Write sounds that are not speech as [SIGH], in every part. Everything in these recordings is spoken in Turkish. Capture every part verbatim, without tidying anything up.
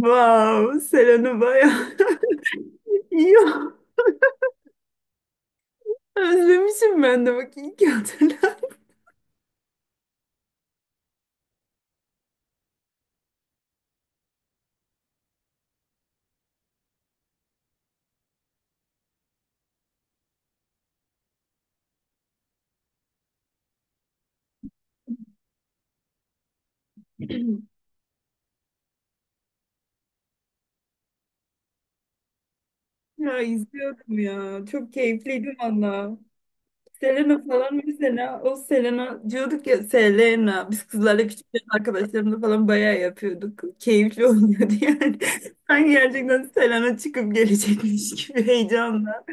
Wow, Selen'i bayağı [LAUGHS] iyi. Özlemişim ben de bak iyi ki hatırlattın. [CLEARS THROAT] Ya izliyordum ya. Çok keyifliydi valla. Selena falan mesela o Selena diyorduk ya Selena. Biz kızlarla küçükken arkadaşlarımla falan bayağı yapıyorduk. Keyifli oluyordu yani. [LAUGHS] Sanki gerçekten Selena çıkıp gelecekmiş gibi heyecanla.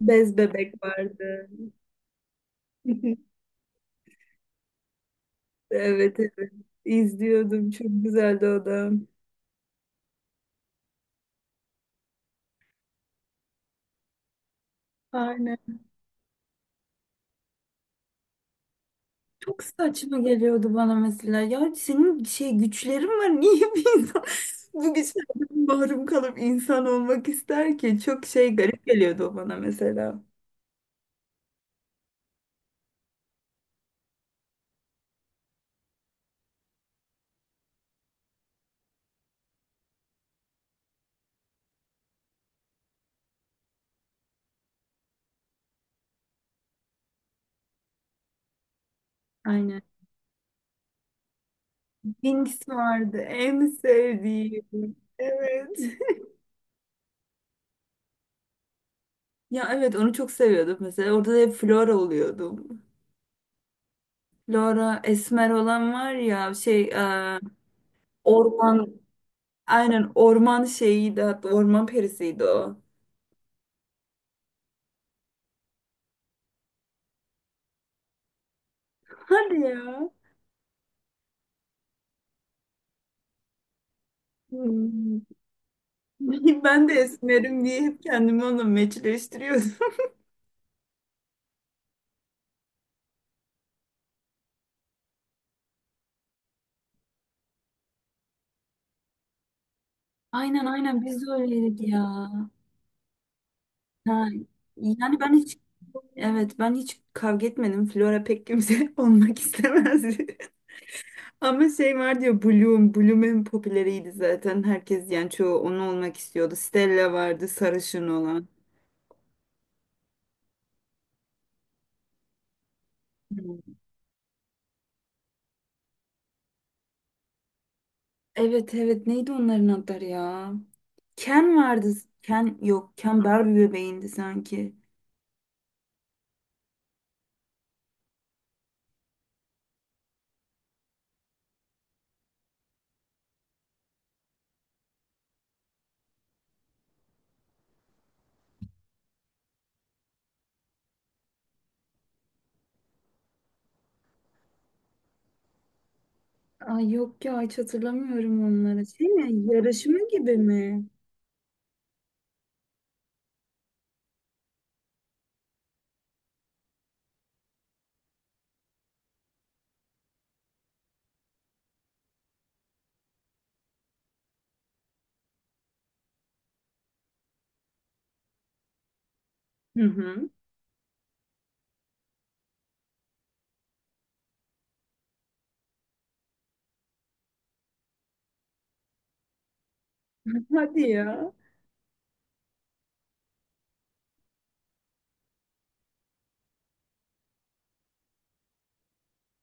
Bez bebek vardı. [LAUGHS] Evet evet. İzliyordum. Çok güzeldi o da. Aynen. Çok saçma geliyordu bana mesela. Ya senin şey güçlerin var. [LAUGHS] Niye bir insan [LAUGHS] bu güçlerden mahrum kalıp insan olmak ister ki? Çok şey garip geliyordu o bana mesela. Aynen. Winx vardı, en sevdiğim. Evet. [LAUGHS] Ya evet, onu çok seviyordum mesela. Orada da hep Flora oluyordum. Laura Esmer olan var ya şey e, orman aynen orman şeyiydi, hatta orman perisiydi o. Hadi ya. Hmm. [LAUGHS] Ben de Esmer'im diye hep kendimi onunla meçleştiriyordum. [LAUGHS] Aynen aynen, biz de öyleydik ya. Ha, yani ben hiç evet, ben hiç kavga etmedim. Flora pek kimse [LAUGHS] olmak istemezdi. [LAUGHS] Ama şey var, diyor Bloom. Bloom en popüleriydi zaten. Herkes yani çoğu onu olmak istiyordu. Stella vardı, sarışın olan. Hmm. Evet evet, neydi onların adları ya? Ken vardı. Ken yok, Ken Barbie bebeğindi sanki. Ay yok ya, hiç hatırlamıyorum onları. Şey mi? Yarışma gibi mi? Hı hı. Hadi ya.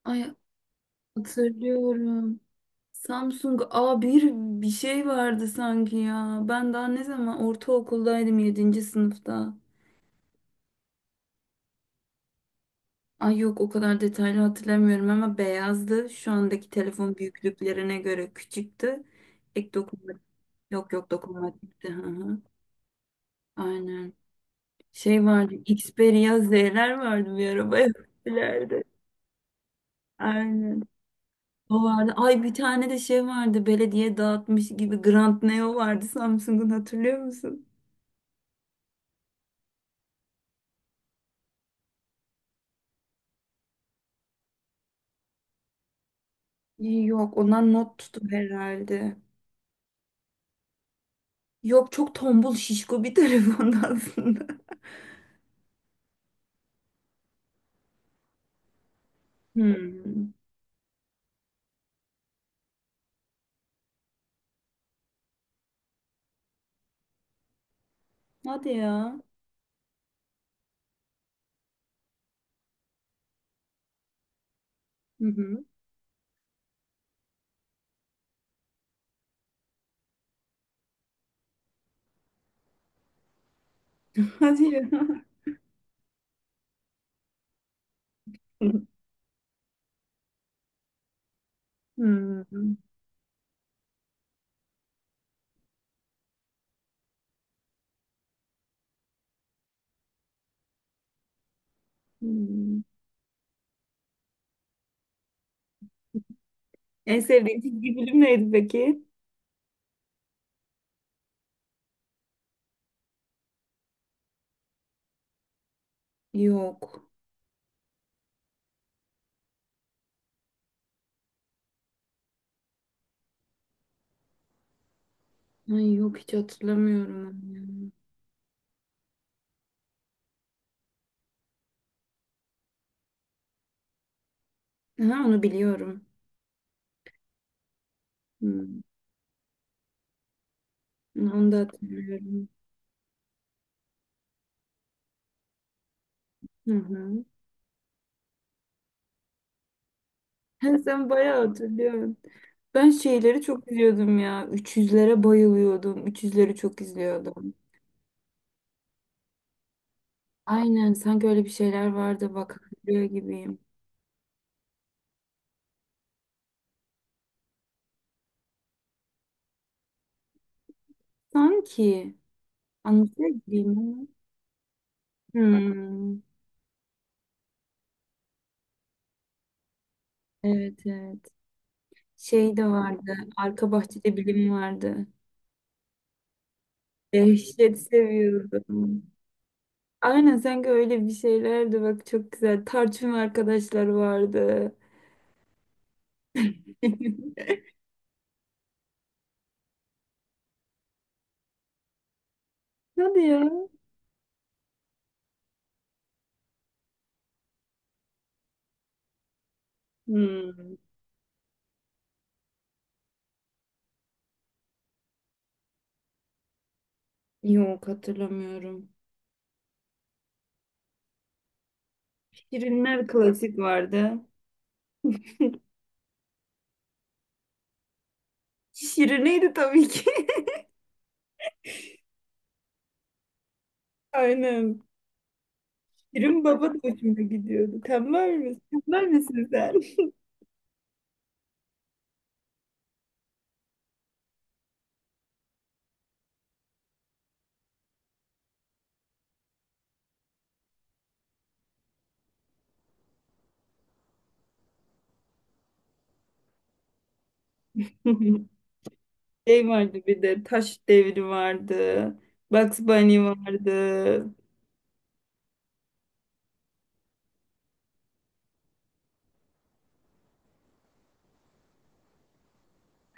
Ay hatırlıyorum. Samsung a bir bir şey vardı sanki ya. Ben daha ne zaman ortaokuldaydım, yedinci sınıfta. Ay yok, o kadar detaylı hatırlamıyorum ama beyazdı. Şu andaki telefon büyüklüklerine göre küçüktü. Ek dokunmatik. Yok yok, dokunmatik gitti. Hı hı. Aynen. Şey vardı, Xperia Z'ler vardı, bir araba yapmışlardı. Aynen. O vardı. Ay bir tane de şey vardı. Belediye dağıtmış gibi Grand Neo vardı Samsung'un, hatırlıyor musun? Yok, ondan not tutup herhalde. Yok, çok tombul şişko bir [LAUGHS] telefondu aslında. Hmm. Hadi ya. Hı hı. Hadi ya. [LAUGHS] Hmm. Hmm. En sevdiğin çizgi film neydi peki? Yok. Ay yok, hiç hatırlamıyorum onu. Ya, aha, onu biliyorum. Hmm. Onu da hatırlıyorum. Hı hı. Ha, sen bayağı hatırlıyorsun. Ben şeyleri çok izliyordum ya. Üç yüzlere bayılıyordum. Üç yüzleri çok izliyordum. Aynen, sanki öyle bir şeyler vardı, bak hatırlıyor gibiyim. Sanki anlatıyor gibiyim ama. Hmm. Evet evet. Şey de vardı, arka bahçede bilim vardı. Dehşet seviyordum. Aynen, sanki öyle bir şeylerdi bak, çok güzel. Tarçın arkadaşları vardı. [LAUGHS] Hadi ya. Hmm, yok hatırlamıyorum. Şirinler klasik vardı. Şirine'ydi tabii ki. [LAUGHS] Aynen. Şirin Baba da hoşuma gidiyordu. Tembel misin? Tembel misin sen? [LAUGHS] Şey vardı bir de, taş devri vardı. Bugs Bunny vardı.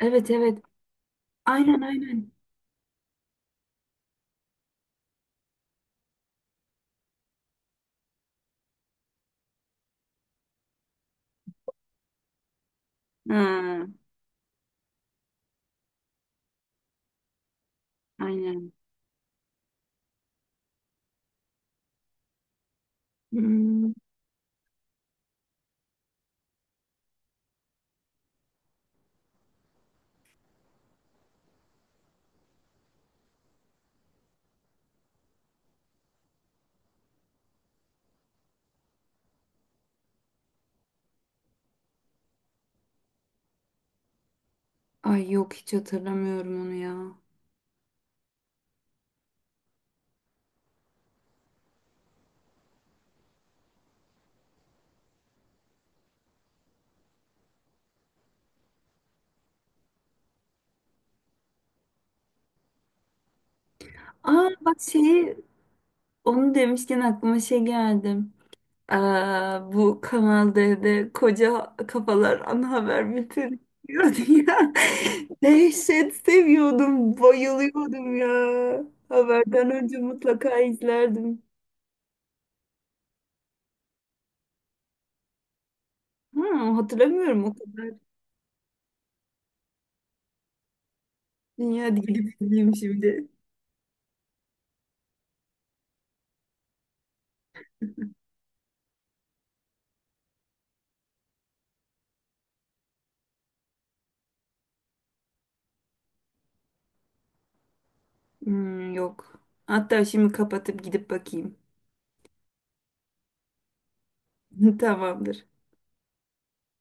Evet evet. Aynen aynen. Ha, aynen. Hmm. Ay yok, hiç hatırlamıyorum onu ya. Aa bak, şeyi onu demişken aklıma şey geldi. Aa, bu Kanal D'de koca kafalar ana haber bülteni yapıyordu ya. [LAUGHS] Dehşet seviyordum, bayılıyordum ya. Haberden önce mutlaka izlerdim. Ha, hatırlamıyorum o kadar. Dünya gidip izleyeyim şimdi. Hmm, yok. Hatta şimdi kapatıp gidip bakayım. [LAUGHS] Tamamdır.